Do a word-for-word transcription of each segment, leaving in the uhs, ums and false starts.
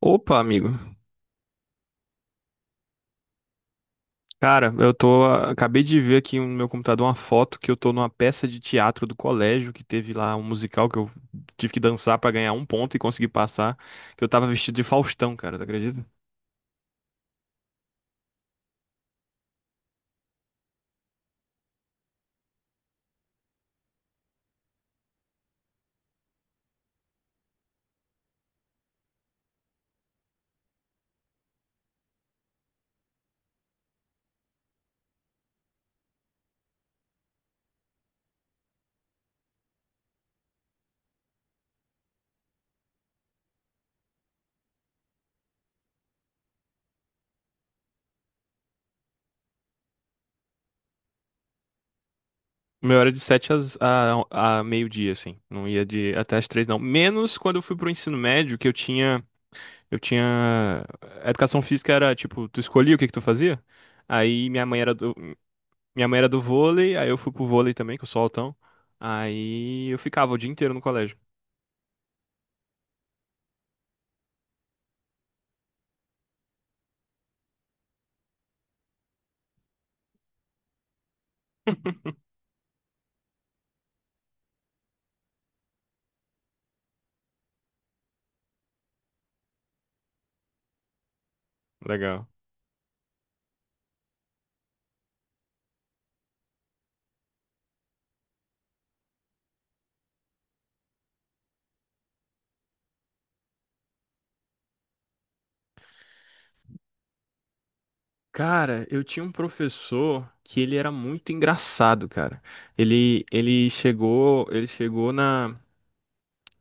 Opa, amigo. Cara, eu tô. Acabei de ver aqui no meu computador uma foto que eu tô numa peça de teatro do colégio que teve lá um musical que eu tive que dançar pra ganhar um ponto e conseguir passar. Que eu tava vestido de Faustão, cara, tu acredita? O meu era de sete às, a, a meio-dia, assim. Não ia de até às três, não. Menos quando eu fui pro ensino médio, que eu tinha. Eu tinha. A educação física era tipo, tu escolhia o que que tu fazia? Aí minha mãe era. Minha mãe era do vôlei, aí eu fui pro vôlei também, que eu sou altão. Aí eu ficava o dia inteiro no colégio. Legal. Cara, eu tinha um professor que ele era muito engraçado, cara. Ele, ele chegou, ele chegou na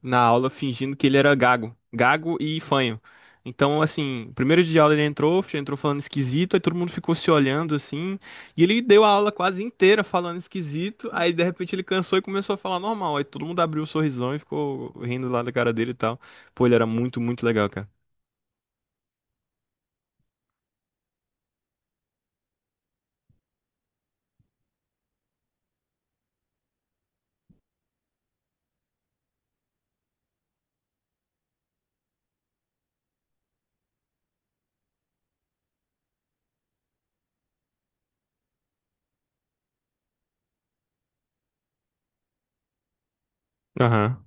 na aula fingindo que ele era gago. Gago e fanho. Então, assim, primeiro dia de aula ele entrou, entrou falando esquisito, aí todo mundo ficou se olhando assim, e ele deu a aula quase inteira falando esquisito, aí de repente ele cansou e começou a falar normal, aí todo mundo abriu o sorrisão e ficou rindo lá da cara dele e tal. Pô, ele era muito, muito legal, cara. Aham.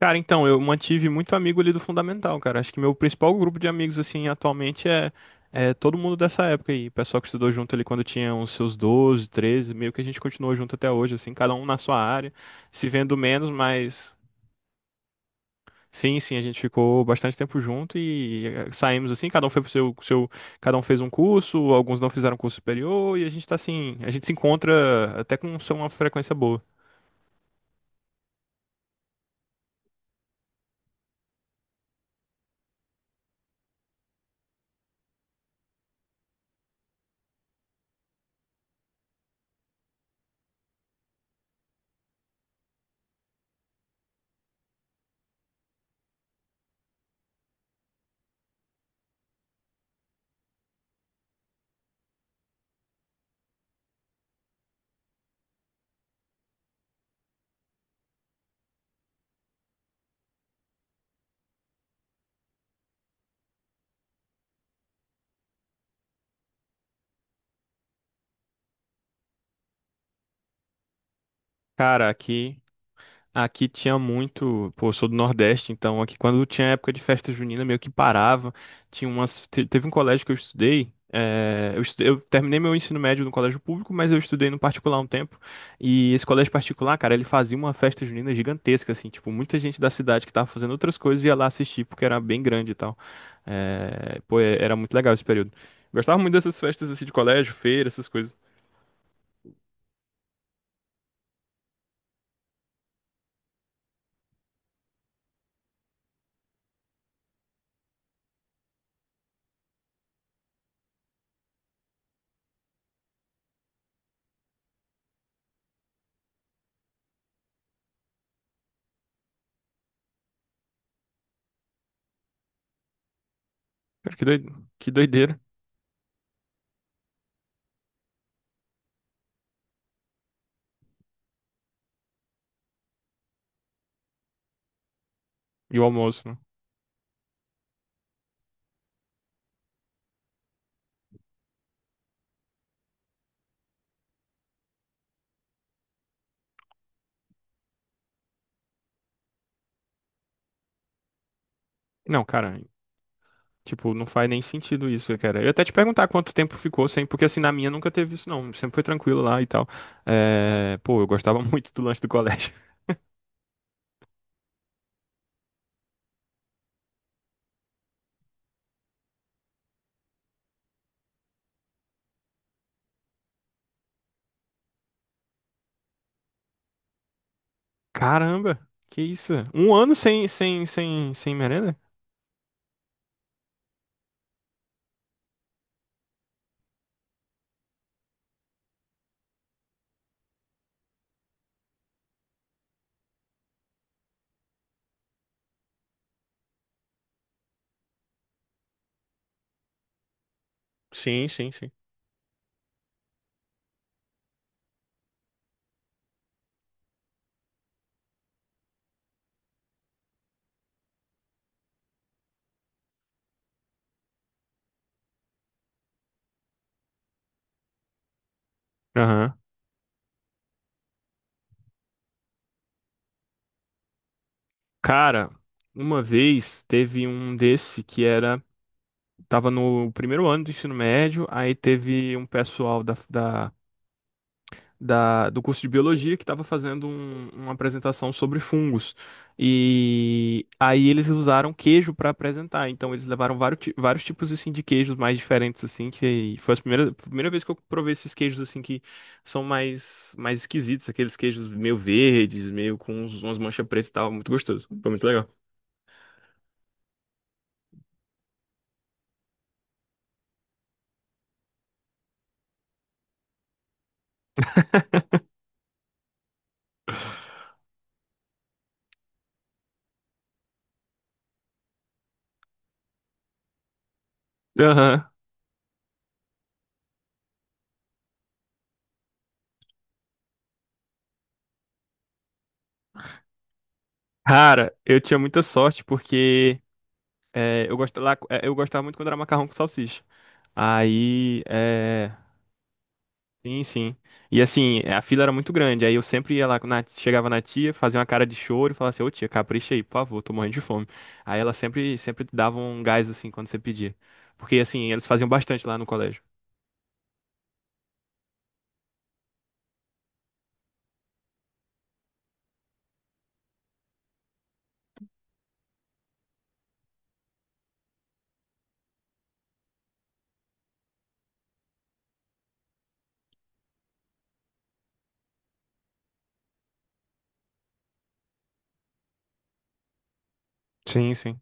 Cara, então, eu mantive muito amigo ali do Fundamental, cara. Acho que meu principal grupo de amigos, assim, atualmente é, é todo mundo dessa época aí. Pessoal que estudou junto ali quando tinha uns seus doze, treze, meio que a gente continuou junto até hoje, assim, cada um na sua área, se vendo menos, mas sim, sim, a gente ficou bastante tempo junto e eh, saímos assim, cada um foi pro seu, seu, cada um fez um curso, alguns não fizeram curso superior e a gente tá assim, a gente se encontra até com uma frequência boa. Cara, aqui. Aqui tinha muito, pô, eu sou do Nordeste, então aqui quando tinha época de festa junina meio que parava, tinha umas, te- teve um colégio que eu estudei, eh, eu, estu- eu terminei meu ensino médio no colégio público, mas eu estudei no particular um tempo, e esse colégio particular, cara, ele fazia uma festa junina gigantesca, assim, tipo, muita gente da cidade que tava fazendo outras coisas ia lá assistir, porque era bem grande e tal. Eh, pô, é- era muito legal esse período. Gostava muito dessas festas, assim, de colégio, feira, essas coisas. Cara, Que doi- que doideira. E o almoço, né? Não, cara. Tipo, não faz nem sentido isso, cara. Eu ia até te perguntar quanto tempo ficou sem, porque assim, na minha nunca teve isso, não. Sempre foi tranquilo lá e tal. É, pô, eu gostava muito do lanche do colégio. Caramba, que isso? Um ano sem, sem, sem, sem merenda? Sim, sim, sim. Aham. Cara, uma vez teve um desse que era. Tava no primeiro ano do ensino médio, aí teve um pessoal da, da da- do curso de biologia que estava fazendo um- uma apresentação sobre fungos. E aí eles usaram queijo para apresentar. Então eles levaram vários, ti- vários tipos assim de queijos mais diferentes assim, que foi a primeira, primeira vez que eu provei esses queijos assim que são mais mais esquisitos, aqueles queijos meio verdes, meio com uns- umas manchas pretas e tal, muito gostoso. Foi muito legal. Aham. Cara, eu tinha muita sorte porque é, eu gostava lá, é, eu gostava muito quando era macarrão com salsicha. Aí, é, Sim, sim. E assim, a fila era muito grande. Aí eu sempre ia lá, na- chegava na tia, fazia uma cara de choro e falava assim, ô tia, capricha aí, por favor, tô morrendo de fome. Aí ela sempre, sempre dava um gás assim quando você pedia. Porque assim, eles faziam bastante lá no colégio. Sim, sim.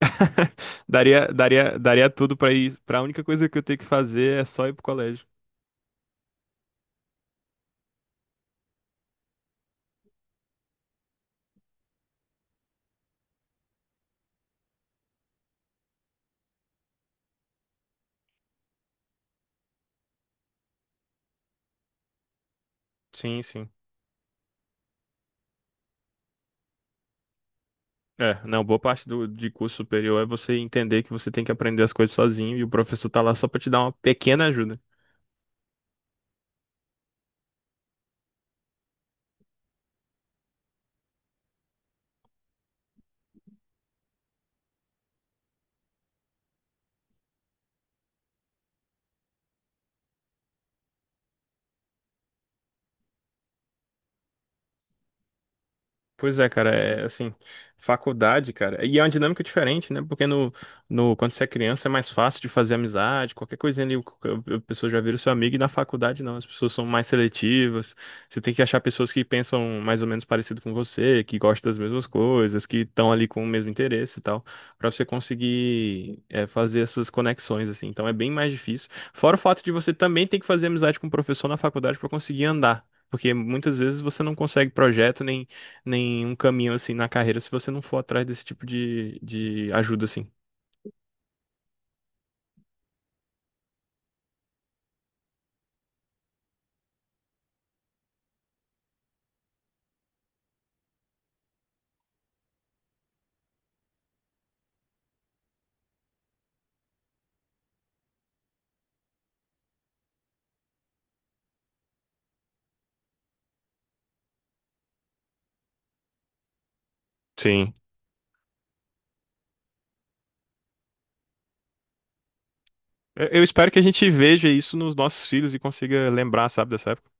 Daria, daria, daria tudo pra ir. Pra única coisa que eu tenho que fazer é só ir pro colégio. Sim, sim. É, não, boa parte do, de curso superior é você entender que você tem que aprender as coisas sozinho e o professor tá lá só pra te dar uma pequena ajuda. Pois é, cara, é assim, faculdade, cara, e é uma dinâmica diferente, né? Porque no, no, quando você é criança é mais fácil de fazer amizade, qualquer coisinha ali, a pessoa já vira seu amigo, e na faculdade não, as pessoas são mais seletivas, você tem que achar pessoas que pensam mais ou menos parecido com você, que gostam das mesmas coisas, que estão ali com o mesmo interesse e tal, pra você conseguir é, fazer essas conexões, assim, então é bem mais difícil. Fora o fato de você também ter que fazer amizade com o professor na faculdade pra conseguir andar. Porque muitas vezes você não consegue projeto nem nenhum caminho assim na carreira se você não for atrás desse tipo de, de ajuda assim. Sim. Eu eu espero que a gente veja isso nos nossos filhos e consiga lembrar, sabe, dessa época.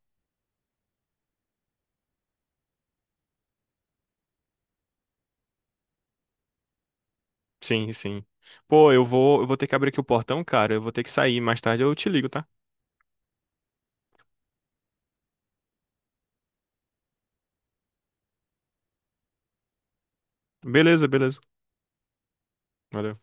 Sim, sim. Pô, eu vou, eu vou ter que abrir aqui o portão, cara. Eu vou ter que sair. Mais tarde eu te ligo, tá? Beleza, beleza. Valeu.